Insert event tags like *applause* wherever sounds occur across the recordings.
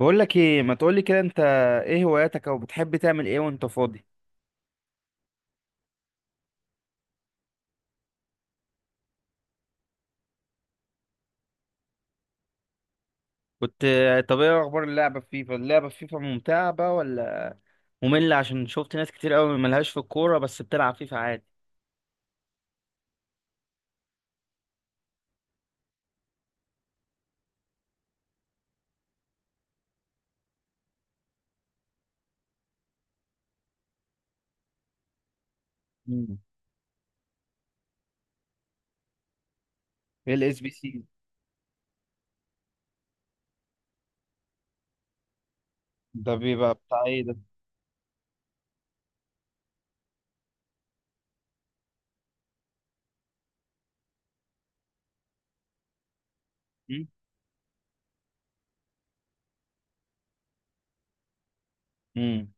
بقول لك ايه، ما تقول لي كده انت؟ ايه هواياتك او بتحب تعمل ايه وانت فاضي؟ كنت. طب ايه اخبار اللعبه في فيفا؟ ممتعه بقى ولا ممله؟ عشان شفت ناس كتير قوي ملهاش في الكوره بس بتلعب فيفا عادي. مم. ايه الاس بي سي؟ ده بيبقى بتاع ايه ده؟ امم.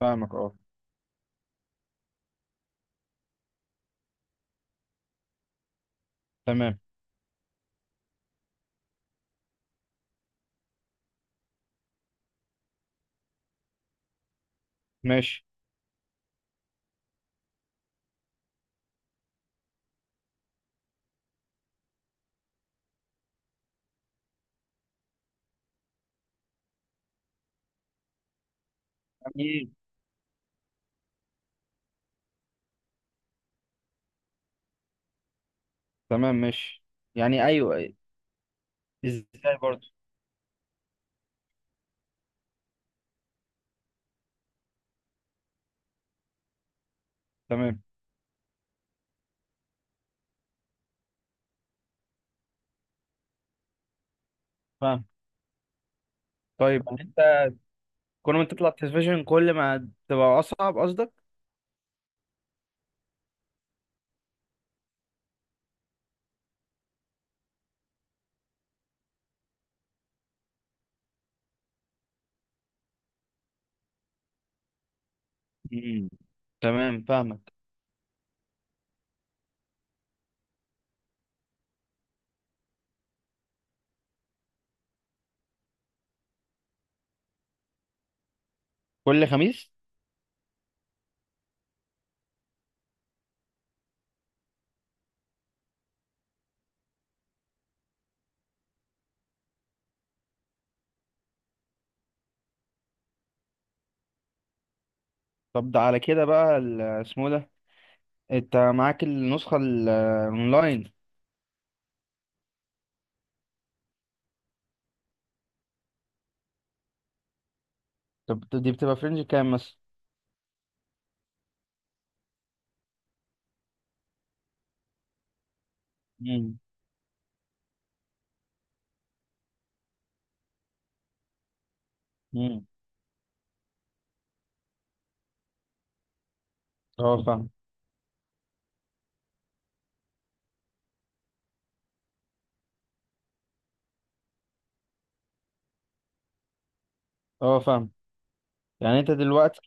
فاهمك اه. تمام. ماشي. يعني تمام. ماشي. يعني ايوه. ازاي برضه؟ تمام. فاهم. طيب انت كل ما تطلع التلفزيون كل ما تبقى اصعب قصدك؟ امم. تمام فاهمك. كل خميس؟ طب ده على كده بقى ال- اسمه ده، انت معاك النسخة الاونلاين؟ طب دي بتبقى فرنج كام مثلا؟ مم. مم. اه فاهم. اه فاهم. يعني انت دلوقتي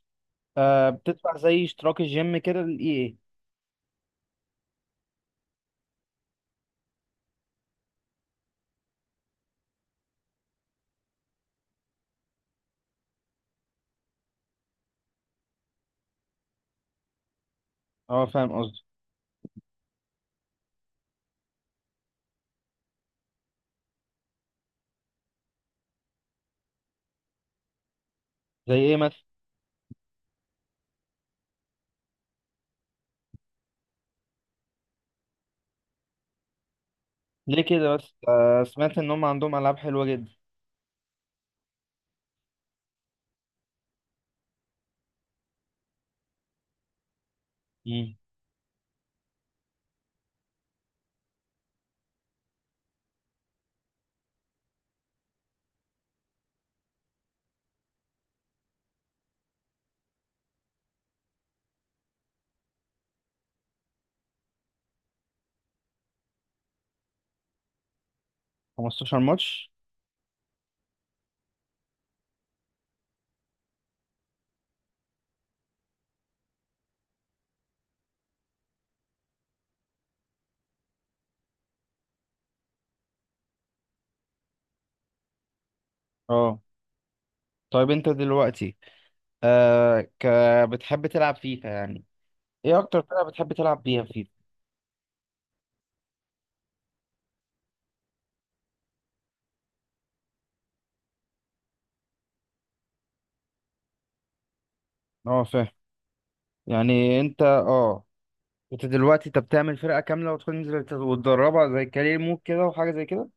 آه بتدفع زي اشتراك الجيم كده للاي اي؟ اه فاهم قصدي. زي ايه مثلا؟ ليه كده بس؟ آه، سمعت ان هم عندهم العاب حلوة جدا. مم. 15 ماتش؟ اه طيب انت دلوقتي آه ك... بتحب تلعب فيفا يعني؟ ايه اكتر فرقة بتحب تلعب بيها فيفا؟ اه فاهم. يعني انت اه انت دلوقتي انت بتعمل فرقة كاملة وتنزل تت- وتدربها زي كارير مود كده وحاجة زي كده؟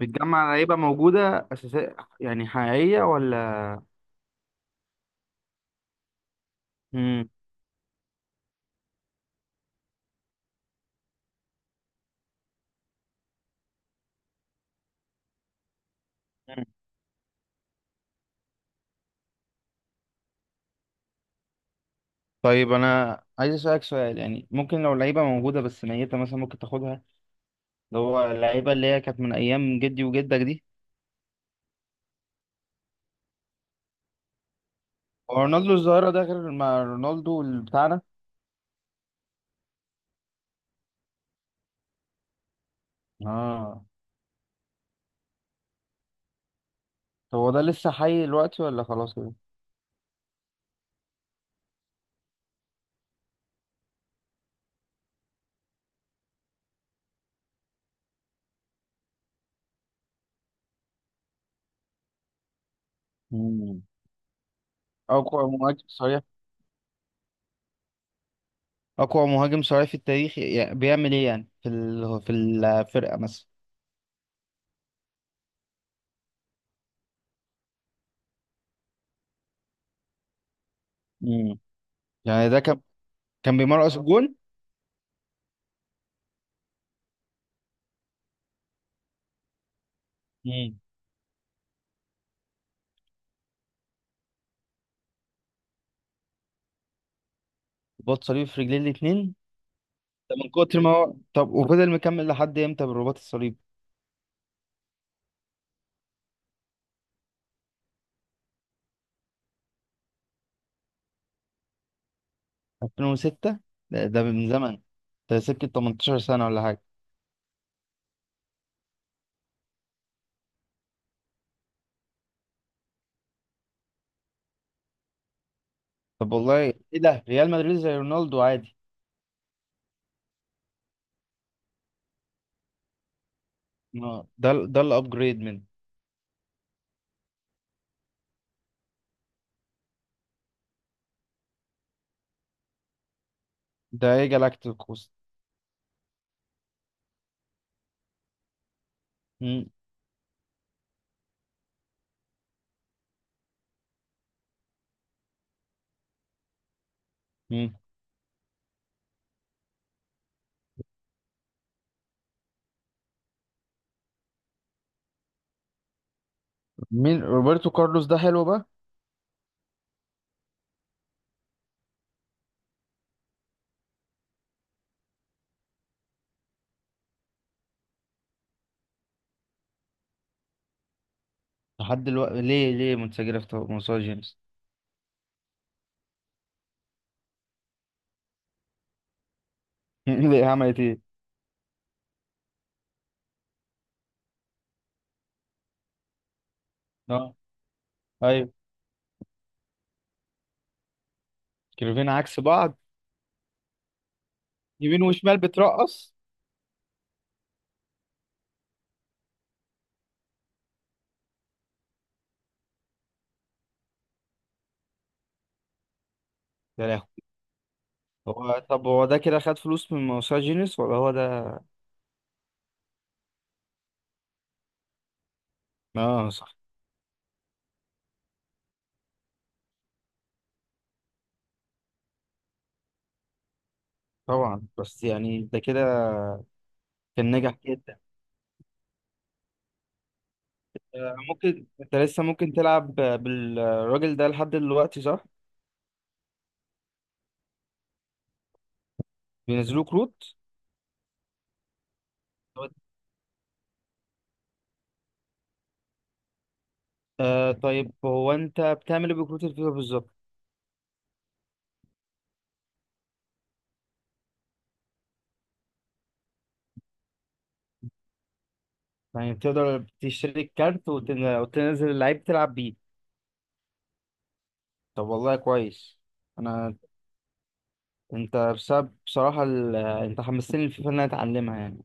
بتجمع لعيبة موجودة أساسية يعني حقيقية ولا؟ مم. مم. طيب أنا عايز أسألك سؤال، يعني ممكن لو لعيبة موجودة بس ميتة مثلا ممكن تاخدها؟ اللي هو اللعيبة اللي هي كانت من أيام جدي وجدك دي. هو رونالدو الظاهرة ده غير ما رونالدو اللي بتاعنا؟ اه. طب هو ده لسه حي دلوقتي ولا خلاص كده؟ مم. أو كو- مهاجم صريح؟ اقوى مهاجم صريح في التاريخ، يعني بيعمل ايه يعني في ال... في الفرقه مثلا؟ امم. يعني ده كان كان بيمرقص الجون؟ امم. رباط صليبي في رجليه الاثنين؟ ده من كتر ما هو. طب وفضل مكمل لحد امتى بالرباط الصليبي؟ 2006؟ ده من زمن. ده سكه 18 سنه ولا حاجه. طب والله. ايه ده، ريال مدريد زي رونالدو عادي؟ آه، ده الابجريد منه. ده ايه جالاكتيكوس؟ امم. امم. مين روبرتو كارلوس ده حلو بقى؟ لحد دلوقتي ليه؟ ليه منسجله في مسار جيمس؟ *laughs* ليه، عملت ايه؟ اه. ايوه. كيرفين عكس بعض؟ يمين وشمال بترقص؟ يا لهوي. هو طب هو ده كده خد فلوس من موسوعة جينيس ولا هو ده؟ اه صح. طبعا بس يعني ده كده كان نجح جدا. آه، ممكن انت لسه ممكن تلعب بالراجل ده لحد دلوقتي صح؟ بينزلوه كروت؟ آه طيب هو انت بتعمل ايه بكروت الفيفا بالظبط؟ يعني بتقدر تشتري الكارت وتنزل اللعيب تلعب بيه؟ طب والله كويس. انا انت بسبب بصراحة ال... انت حمستني الفيفا ان انا اتعلمها يعني.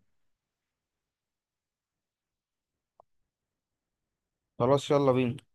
خلاص يلا بينا.